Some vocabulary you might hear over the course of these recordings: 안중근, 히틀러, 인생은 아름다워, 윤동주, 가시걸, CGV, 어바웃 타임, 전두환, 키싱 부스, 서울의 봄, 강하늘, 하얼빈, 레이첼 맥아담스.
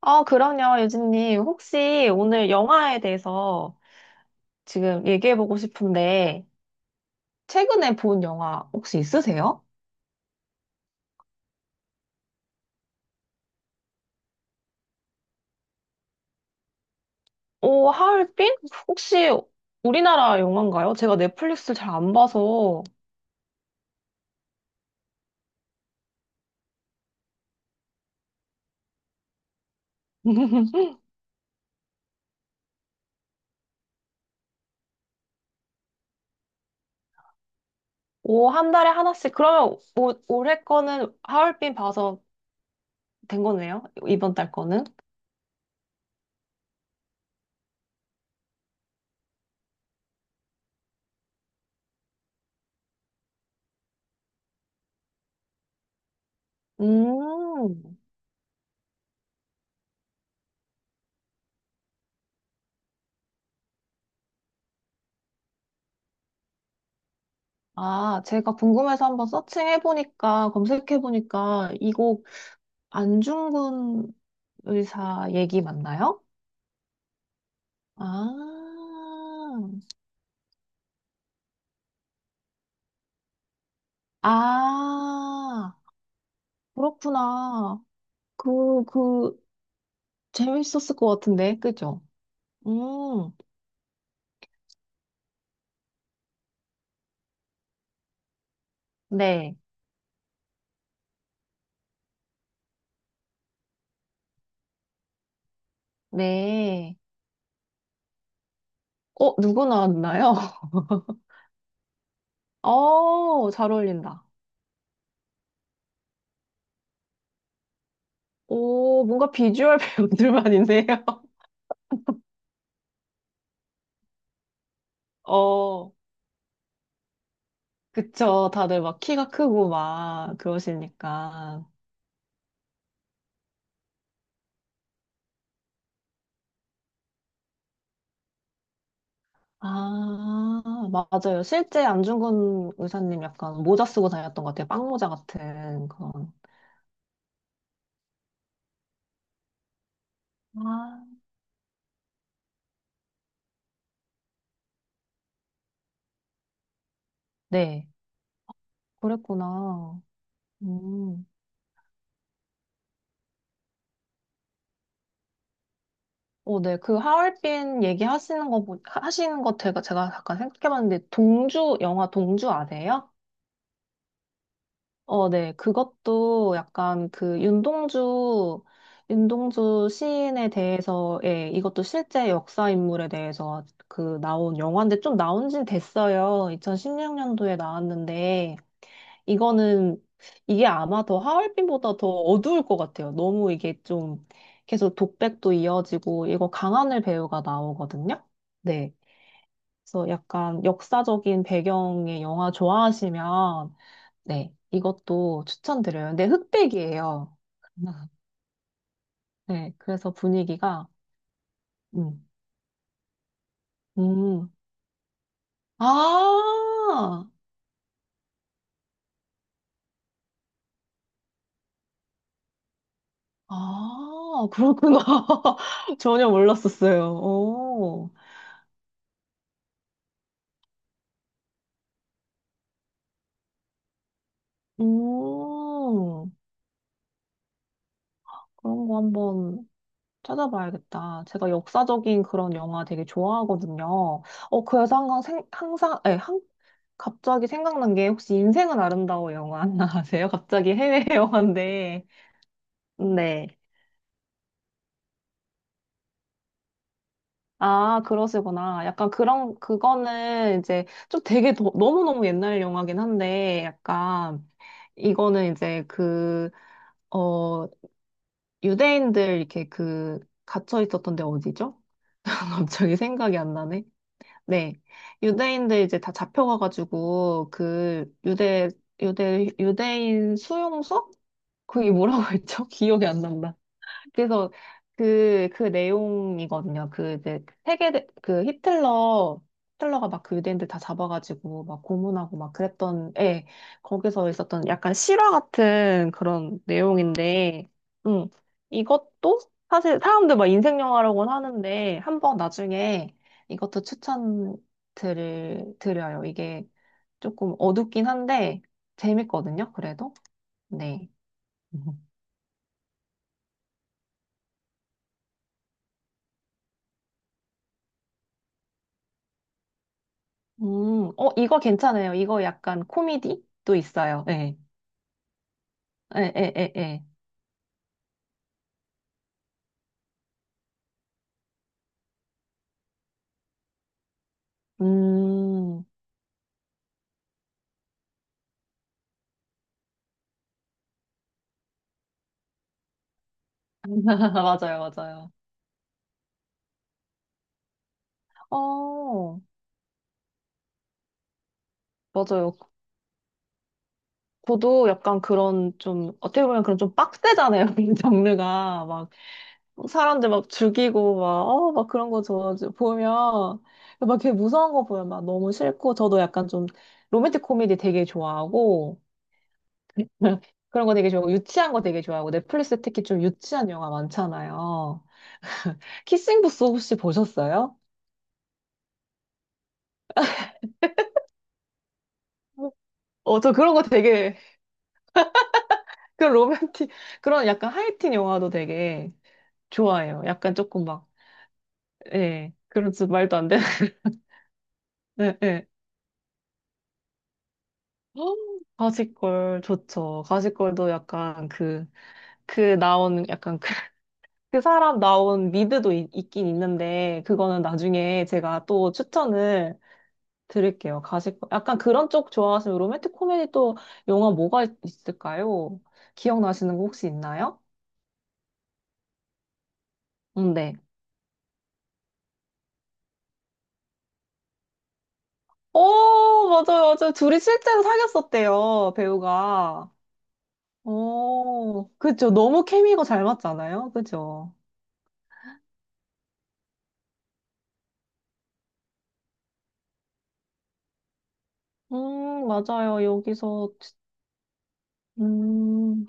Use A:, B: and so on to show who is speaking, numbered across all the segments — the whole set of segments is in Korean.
A: 아, 그럼요, 유진님. 혹시 오늘 영화에 대해서 지금 얘기해보고 싶은데, 최근에 본 영화 혹시 있으세요? 오, 하얼빈? 혹시 우리나라 영화인가요? 제가 넷플릭스 잘 안 봐서. 오, 한 달에 하나씩. 그러면 오, 올해 거는 하얼빈 봐서 된 거네요? 이번 달 거는? 음. 아, 제가 궁금해서 한번 서칭해보니까, 검색해보니까, 이거 안중근 의사 얘기 맞나요? 아, 아, 그렇구나. 그, 그, 재밌었을 것 같은데, 그죠? 음, 네, 네. 어, 누구 나왔나요? 어, 잘 어울린다. 오, 뭔가 비주얼 배우들만인데요. 어, 그쵸. 다들 막 키가 크고 막 그러시니까. 아, 맞아요. 실제 안중근 의사님 약간 모자 쓰고 다녔던 것 같아요. 빵모자 같은 그런. 아, 네, 그랬구나. 음. 어, 네. 그 하얼빈 얘기하시는 거, 하시는 거 제가 잠깐 생각해봤는데, 동주, 영화 동주 아세요? 어, 네. 그것도 약간 그 윤동주, 윤동주 시인에 대해서, 예, 이것도 실제 역사 인물에 대해서 그 나온 영화인데 좀 나온 지 됐어요. 2016년도에 나왔는데, 이거는, 이게 아마 더 하얼빈보다 더 어두울 것 같아요. 너무 이게 좀 계속 독백도 이어지고, 이거 강하늘 배우가 나오거든요. 네. 그래서 약간 역사적인 배경의 영화 좋아하시면, 네, 이것도 추천드려요. 근데 흑백이에요. 네, 그래서 분위기가, 음, 음, 아, 아, 그렇구나. 전혀 몰랐었어요. 오, 음, 그런 거 한번 찾아봐야겠다. 제가 역사적인 그런 영화 되게 좋아하거든요. 어, 그래서 항상, 생- 항상, 에, 항, 갑자기 생각난 게 혹시 인생은 아름다워 영화 안 아세요? 갑자기 해외 영화인데. 네. 아, 그러시구나. 약간 그런, 그거는 이제 좀 되게 너무너무 옛날 영화긴 한데, 약간 이거는 이제 그, 어, 유대인들 이렇게 그, 갇혀 있었던 데 어디죠? 갑자기 생각이 안 나네. 네. 유대인들 이제 다 잡혀가가지고, 그, 유대, 유대인 수용소? 그게 뭐라고 했죠? 기억이 안 난다. 그래서 그 내용이거든요. 그 이제 세계, 그 히틀러가 막 그 유대인들 다 잡아가지고 막 고문하고 막 그랬던, 예, 거기서 있었던 약간 실화 같은 그런 내용인데, 음, 이것도 사실 사람들 막 인생 영화라고는 하는데, 한번 나중에 이것도 드려요. 이게 조금 어둡긴 한데, 재밌거든요. 그래도. 네. 어, 이거 괜찮아요. 이거 약간 코미디도 있어요. 예. 예, 예, 예, 예. 음, 맞아요. 어, 맞아요. 저도 약간 그런 좀, 어떻게 보면 그런 좀 빡세잖아요. 이 장르가. 막, 사람들 막 죽이고, 막, 어, 막 그런 거 저 보면, 막 되게 무서운 거 보면 막 너무 싫고, 저도 약간 좀 로맨틱 코미디 되게 좋아하고, 그런 거 되게 좋아하고, 유치한 거 되게 좋아하고, 넷플릭스 특히 좀 유치한 영화 많잖아요. 키싱 부스 혹시 보셨어요? 어, 저 그런 거 되게, 그런 로맨틱, 그런 약간 하이틴 영화도 되게 좋아해요. 약간 조금 막, 예, 그런 좀 말도 안 되는, 예, 예. 헉, 가시걸 좋죠. 가시걸도 약간 그, 그 나온, 약간 그, 그 사람 나온 미드도 있긴 있는데, 그거는 나중에 제가 또 추천을 드릴게요. 가시걸. 약간 그런 쪽 좋아하시면 로맨틱 코미디 또 영화 뭐가 있을까요? 기억나시는 거 혹시 있나요? 네. 오, 맞아요. 둘이 실제로 사귀었었대요, 배우가. 오, 그죠. 너무 케미가 잘 맞잖아요. 그죠. 맞아요. 여기서, 음,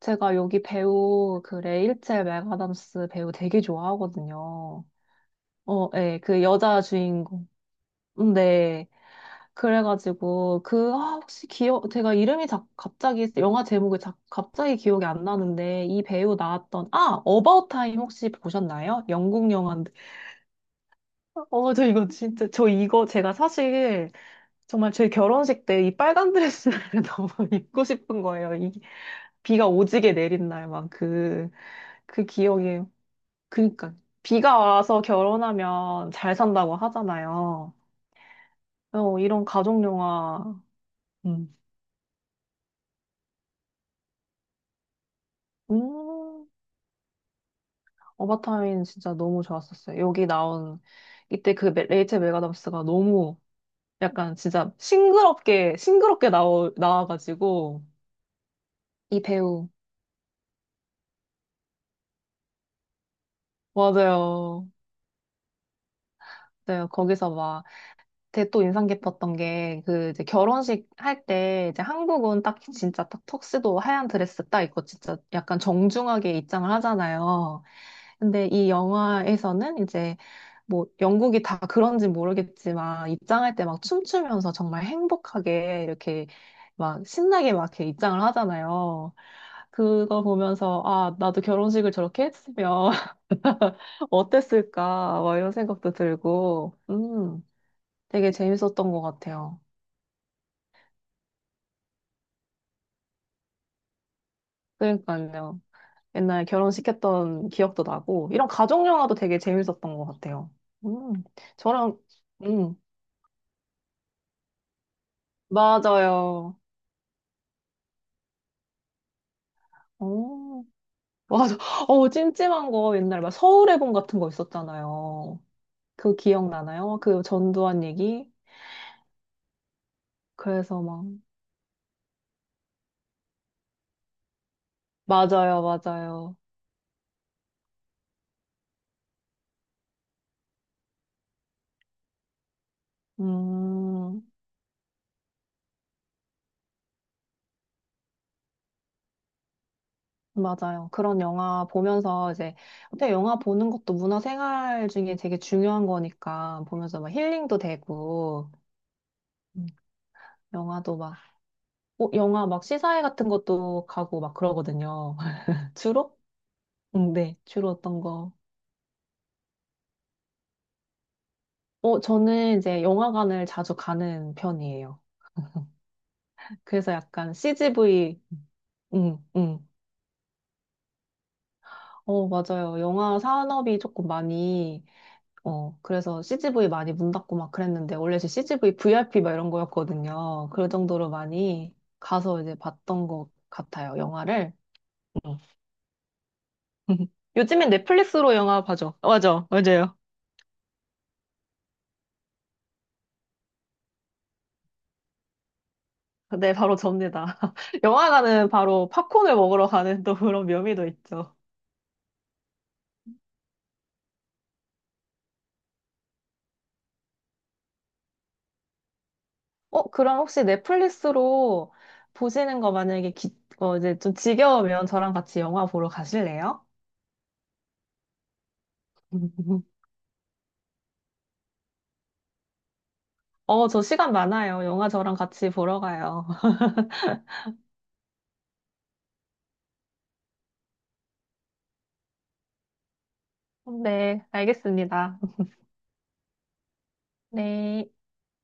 A: 제가 여기 배우, 그 레이첼 맥아담스 배우 되게 좋아하거든요. 어, 예, 그 여자 주인공. 네. 그래가지고 그 아, 혹시 기억 제가 이름이 자, 갑자기 영화 제목이 자, 갑자기 기억이 안 나는데 이 배우 나왔던 아 어바웃 타임 혹시 보셨나요? 영국 영화인데 어 저 이거 진짜 저 이거 제가 사실 정말 제 결혼식 때 이 빨간 드레스를 너무 입고 싶은 거예요. 이 비가 오지게 내린 날막그 그그 기억이 그니까 비가 와서 결혼하면 잘 산다고 하잖아요. 어, 이런 가족 영화 음. 음. 어바타민 진짜 너무 좋았었어요. 여기 나온 이때 레이첼 맥아담스가 너무 약간 진짜 싱그럽게 싱그럽게 나와가지고 이 배우. 맞아요. 네, 거기서 막, 되게 또 인상 깊었던 게, 그, 이제 결혼식 할 때, 이제 한국은 딱, 진짜 딱 턱스도 하얀 드레스 딱 입고, 진짜 약간 정중하게 입장을 하잖아요. 근데 이 영화에서는 이제 뭐 영국이 다 그런지 모르겠지만 입장할 때 막 춤추면서 정말 행복하게 이렇게 막 신나게 막 이렇게 입장을 하잖아요. 그거 보면서 아, 나도 결혼식을 저렇게 했으면 어땠을까? 막 이런 생각도 들고, 되게 재밌었던 것 같아요. 그러니까요. 옛날 결혼시켰던 기억도 나고, 이런 가족 영화도 되게 재밌었던 것 같아요. 음, 저랑, 음, 맞아요. 어, 맞아. 어, 찜찜한 거 옛날 막 서울의 봄 같은 거 있었잖아요. 그거 기억나나요? 그 전두환 얘기? 그래서 막, 맞아요. 음, 맞아요. 그런 영화 보면서 이제, 근데 영화 보는 것도 문화생활 중에 되게 중요한 거니까 보면서 막 힐링도 되고, 음, 영화도 막, 어, 영화 막 시사회 같은 것도 가고 막 그러거든요. 주로? 응, 네, 주로 어떤 거. 어, 저는 이제 영화관을 자주 가는 편이에요. 그래서 약간 CGV, 음, 음. 어, 맞아요. 영화 산업이 조금 많이, 어, 그래서 CGV 많이 문 닫고 막 그랬는데, 원래 제 CGV VIP 막 이런 거였거든요. 그 정도로 많이 가서 이제 봤던 것 같아요, 영화를. 음. 요즘엔 넷플릭스로 영화 봐죠. 맞아요. 네, 바로 접니다. 영화관은 바로 팝콘을 먹으러 가는 또 그런 묘미도 있죠. 어, 그럼 혹시 넷플릭스로 보시는 거 만약에 어, 이제 좀 지겨우면 저랑 같이 영화 보러 가실래요? 어, 저 시간 많아요. 영화 저랑 같이 보러 가요. 네, 알겠습니다. 네.